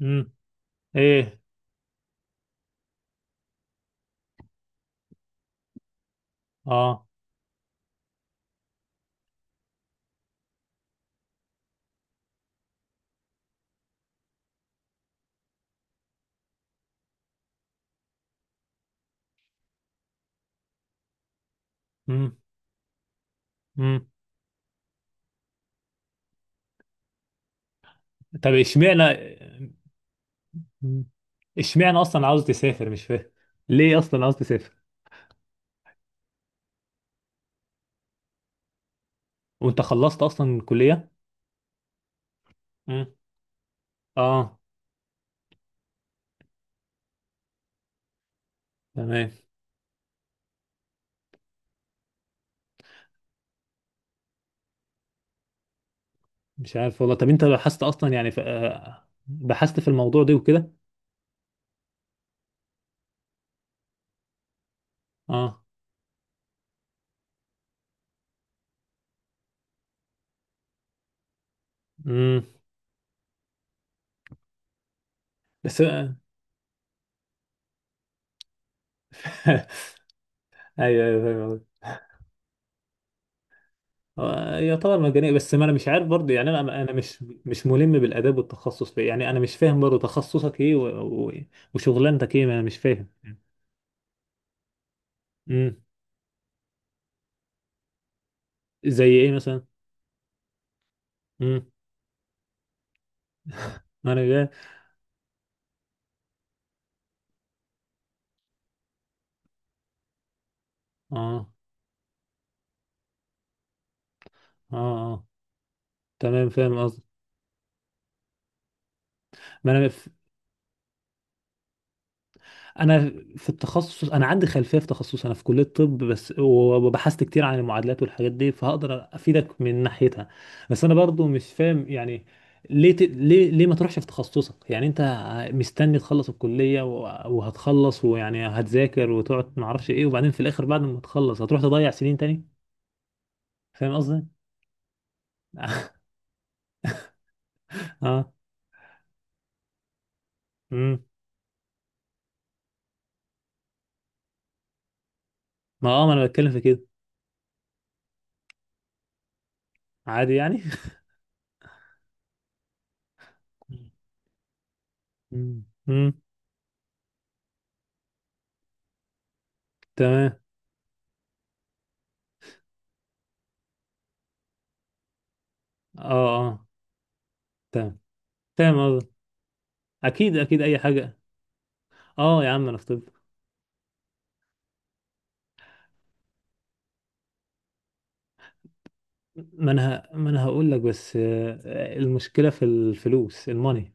امم. ايه. اه. امم. امم. طب، اشمعنى مم. اشمعنى اصلا عاوز تسافر؟ مش فاهم ليه اصلا عاوز تسافر. وانت خلصت اصلا الكلية؟ امم. اه. تمام. مش عارف والله. طب انت بحثت اصلا يعني ف... آه، بحثت في الموضوع ده وكده؟ اه. امم. بس ايوه ايوه، فاهم قصدك. يعتبر مجانية، بس ما انا مش عارف برضه، يعني انا مش ملم بالاداب والتخصص، في يعني انا مش فاهم برضه تخصصك ايه و... وشغلانتك ايه، ما انا مش فاهم. امم. زي ايه مثلا؟ امم. ما انا جاي. اه. اه. اه. تمام، فاهم قصدي. ما انا في... انا في التخصص، انا عندي خلفيه في تخصص، انا في كليه طب بس، وبحثت كتير عن المعادلات والحاجات دي، فهقدر افيدك من ناحيتها. بس انا برضو مش فاهم يعني ليه ت... ليه ليه ما تروحش في تخصصك؟ يعني انت مستني تخلص الكليه وهتخلص، ويعني هتذاكر وتقعد ما اعرفش ايه، وبعدين في الاخر بعد ما تخلص هتروح تضيع سنين تاني؟ فاهم قصدي. اه. امم. ما انا بتكلم في كده. عادي يعني. مم. مم. تمام. اه. اه. تمام، فاهم قصدك. اكيد اكيد، اي حاجه. اه يا عم، انا في طب. ما انا هقول لك بس، المشكله في الفلوس الماني.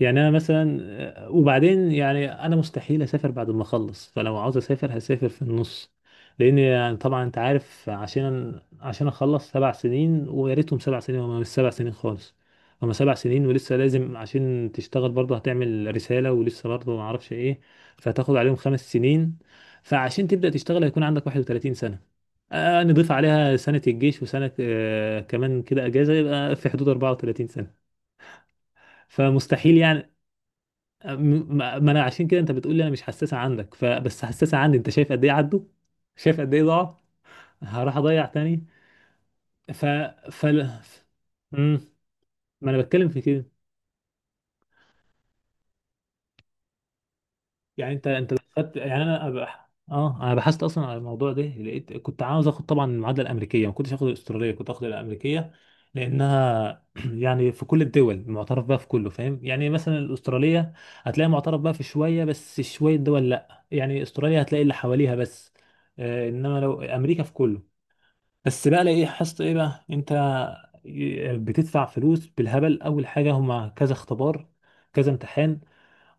يعني انا مثلا وبعدين يعني انا مستحيل اسافر بعد ما اخلص، فلو عاوز اسافر هسافر في النص، لان يعني طبعا انت عارف عشان اخلص 7 سنين، ويا ريتهم 7 سنين، وما مش 7 سنين خالص، هما 7 سنين، ولسه لازم عشان تشتغل برضه هتعمل رسالة، ولسه برضه ما اعرفش ايه، فهتاخد عليهم 5 سنين. فعشان تبدأ تشتغل هيكون عندك 31 سنة، نضيف عليها سنة الجيش وسنة كمان كده اجازة، يبقى في حدود 34 سنة، فمستحيل يعني. ما انا عشان كده، انت بتقول لي انا مش حساسه عندك، فبس حساسه عندي. انت شايف قد ايه عدوا، شايف قد ايه ضاعوا، هروح اضيع تاني؟ ف فل... امم. ما انا بتكلم في كده. يعني انت لو خدت، يعني اه، انا بحثت اصلا على الموضوع ده، لقيت كنت عاوز اخد طبعا المعادله الامريكيه، ما كنتش اخد الاستراليه، كنت اخد الامريكيه، لانها يعني في كل الدول معترف بها، في كله، فاهم؟ يعني مثلا الاستراليه هتلاقي معترف بها في شويه بس، شويه دول لا، يعني استراليا هتلاقي اللي حواليها بس، انما لو امريكا في كله. بس بقى، لا ايه حصت ايه بقى، انت بتدفع فلوس بالهبل. اول حاجه هما كذا اختبار، كذا امتحان،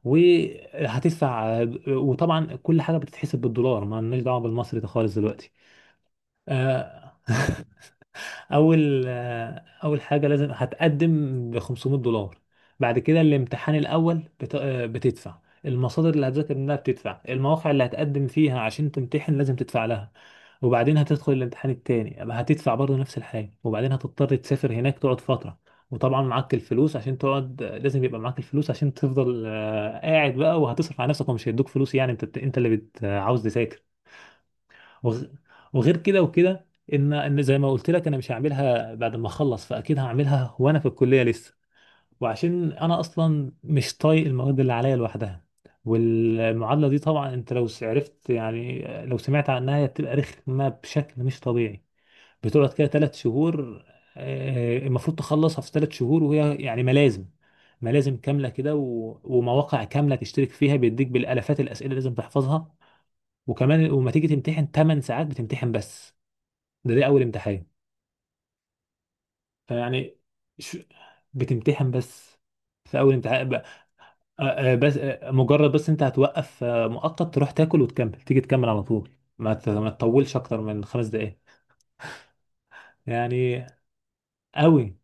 وهتدفع، وطبعا كل حاجه بتتحسب بالدولار، ما لناش دعوه بالمصري ده خالص دلوقتي. آه، اول حاجه لازم هتقدم ب $500. بعد كده الامتحان الاول بتدفع المصادر اللي هتذاكر منها، بتدفع المواقع اللي هتقدم فيها عشان تمتحن لازم تدفع لها. وبعدين هتدخل الامتحان التاني أما هتدفع برضه نفس الحاجة. وبعدين هتضطر تسافر هناك تقعد فترة، وطبعا معاك الفلوس عشان تقعد، لازم يبقى معاك الفلوس عشان تفضل قاعد بقى، وهتصرف على نفسك، ومش هيدوك فلوس، يعني انت اللي بت... آه، عاوز تذاكر. وغ... وغير كده وكده. ان زي ما قلت لك، انا مش هعملها بعد ما اخلص، فاكيد هعملها وانا في الكلية لسه، وعشان انا اصلا مش طايق المواد اللي عليا لوحدها. والمعادلة دي طبعا انت لو عرفت، يعني لو سمعت عنها، هي بتبقى رخمة بشكل مش طبيعي. بتقعد كده 3 شهور، المفروض تخلصها في 3 شهور، وهي يعني ملازم كاملة كده ومواقع كاملة تشترك فيها بيديك، بالالافات الأسئلة اللي لازم تحفظها. وكمان وما تيجي تمتحن 8 ساعات بتمتحن بس. ده أول امتحان، فيعني ش... بتمتحن بس في أول امتحان ب... آه، بس مجرد بس أنت هتوقف مؤقت تروح تاكل وتكمل، تيجي تكمل على طول، ما تطولش أكتر من 5 دقايق، يعني قوي.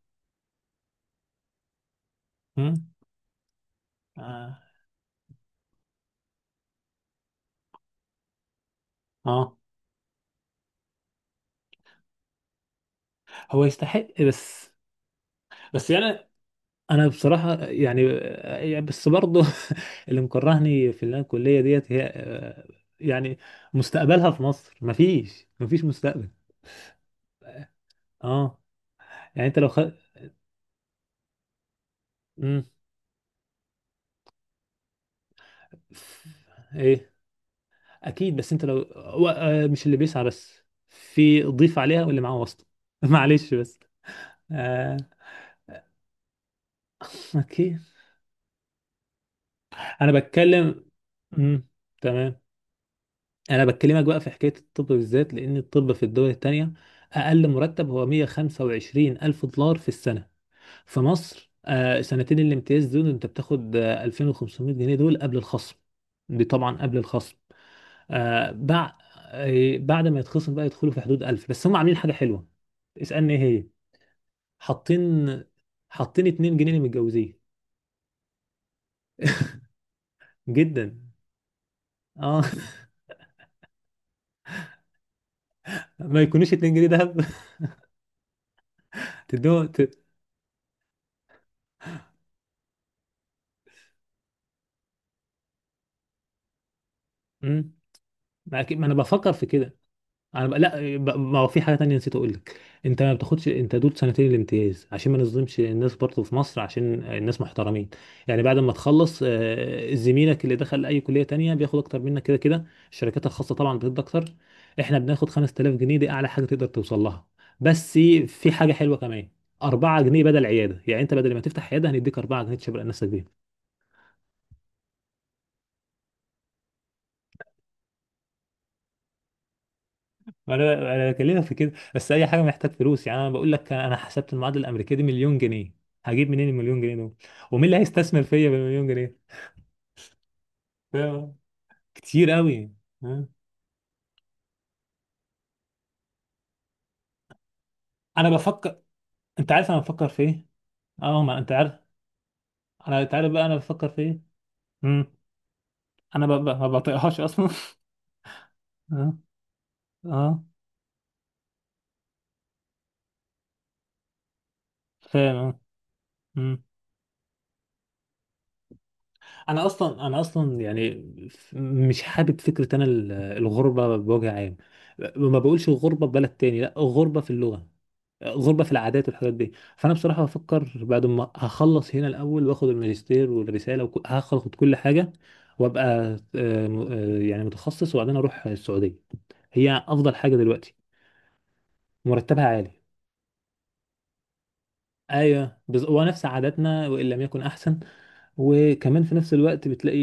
م? آه. آه. هو يستحق، بس بس يعني انا بصراحه يعني، يعني بس برضه اللي مكرهني في اللي أنا الكليه ديت هي، يعني مستقبلها في مصر، مفيش مستقبل. اه. يعني انت مم. ايه. اكيد، بس انت لو مش اللي بيسعى بس، في ضيف عليها واللي معاه واسطه معلش بس. آه... اوكي. انا بتكلم. مم. تمام. انا بكلمك بقى في حكايه الطب بالذات، لان الطب في الدول التانية اقل مرتب هو 125 الف دولار في السنه. في مصر سنتين الامتياز دول انت بتاخد 2500 جنيه، دول قبل الخصم، دي طبعا قبل الخصم. آه، بع- بعد ما يتخصم بقى يدخلوا في حدود 1000. بس هم عاملين حاجه حلوه، اسالني ايه هي. حاطين حاطين 2 جنيه للمتجوزين. جدا. اه ما يكونوش 2 جنيه دهب. تدوه ت... مم. ما انا بفكر في كده. انا بقى، لا بقى، ما هو في حاجه تانية نسيت اقول لك. انت ما بتاخدش، انت دول سنتين الامتياز عشان ما نظلمش الناس برضه في مصر، عشان الناس محترمين، يعني بعد ما تخلص زميلك اللي دخل اي كليه تانية بياخد اكتر منك كده كده، الشركات الخاصه طبعا بتدي اكتر. احنا بناخد 5000 جنيه، دي اعلى حاجه تقدر توصل لها. بس في حاجه حلوه كمان، 4 جنيه بدل عياده، يعني انت بدل ما تفتح عياده هنديك 4 جنيه تشبر نفسك بيهم. انا بكلمك في كده، بس اي حاجه محتاج فلوس يعني. انا بقول لك انا حسبت المعادله الامريكيه دي مليون جنيه، هجيب منين المليون جنيه دول؟ ومين اللي هيستثمر فيا بالمليون جنيه؟ فاهم؟ كتير قوي. ها؟ انا بفكر، انت عارف انا بفكر في ايه. اه، ما انت عارف. انت عارف بقى انا بفكر في ايه. امم. ما بطيقهاش اصلا اه. اه، فاهم. اه. مم. انا اصلا يعني مش حابب فكره، انا الغربه بوجه عام. ما بقولش غربه في بلد تاني، لا غربه في اللغه، غربه في العادات والحاجات دي. فانا بصراحه بفكر بعد ما هخلص هنا الاول، واخد الماجستير والرساله هاخد كل حاجه، وابقى يعني متخصص، وبعدين اروح السعوديه، هي افضل حاجه دلوقتي. مرتبها عالي. ايوه ونفس عاداتنا، وان لم يكن احسن. وكمان في نفس الوقت بتلاقي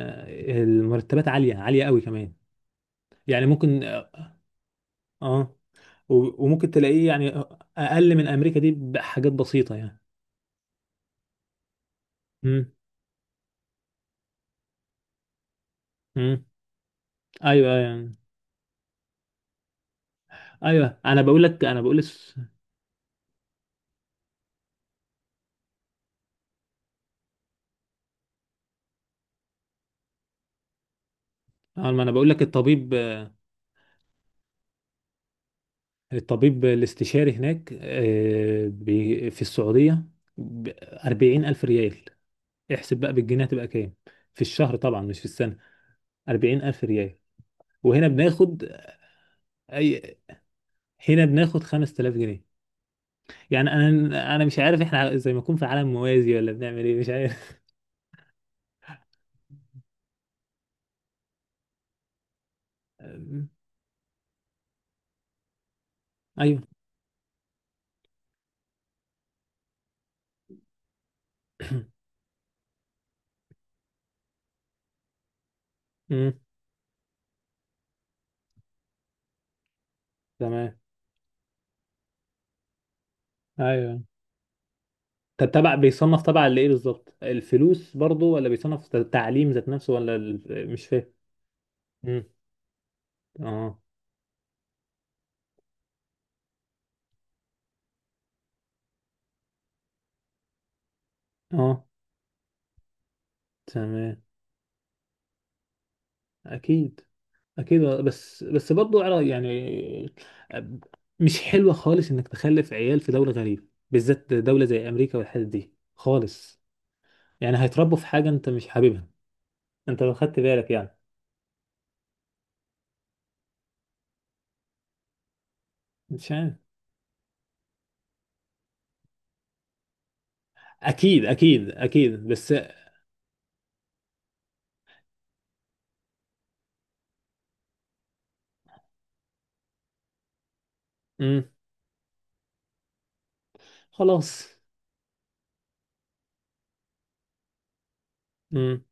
المرتبات عالية عالية قوي كمان، يعني ممكن. اه. وممكن تلاقيه يعني اقل من امريكا دي بحاجات بسيطة يعني. امم. امم. ايوه يعني. ايوه انا بقول لك، ما انا بقول لك الطبيب، الاستشاري هناك في السعودية ب 40 ألف ريال. احسب بقى بالجنيه هتبقى كام في الشهر، طبعا مش في السنة. 40 ألف ريال، وهنا بناخد، أي، هنا بناخد 5000 جنيه. يعني انا، انا مش عارف احنا زي ما نكون في عالم موازي ولا بنعمل ايه، مش عارف. ايوه. أمم، تمام. ايوه. طب تبع بيصنف تبع لايه بالظبط؟ الفلوس برضو؟ ولا بيصنف التعليم ذات نفسه؟ ولا مش فاهم. أمم، اه. اه. تمام. اكيد اكيد، بس برضو يعني أب- مش حلوه خالص انك تخلف عيال في دوله غريبه، بالذات دوله زي امريكا والحتت دي خالص، يعني هيتربوا في حاجه انت مش حاببها. انت لو خدت بالك يعني. مش عارف. اكيد اكيد اكيد بس. امم. خلاص. امم.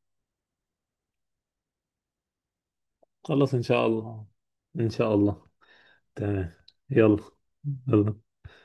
خلاص، ان شاء الله. ان شاء الله. تمام. يلا. يلا.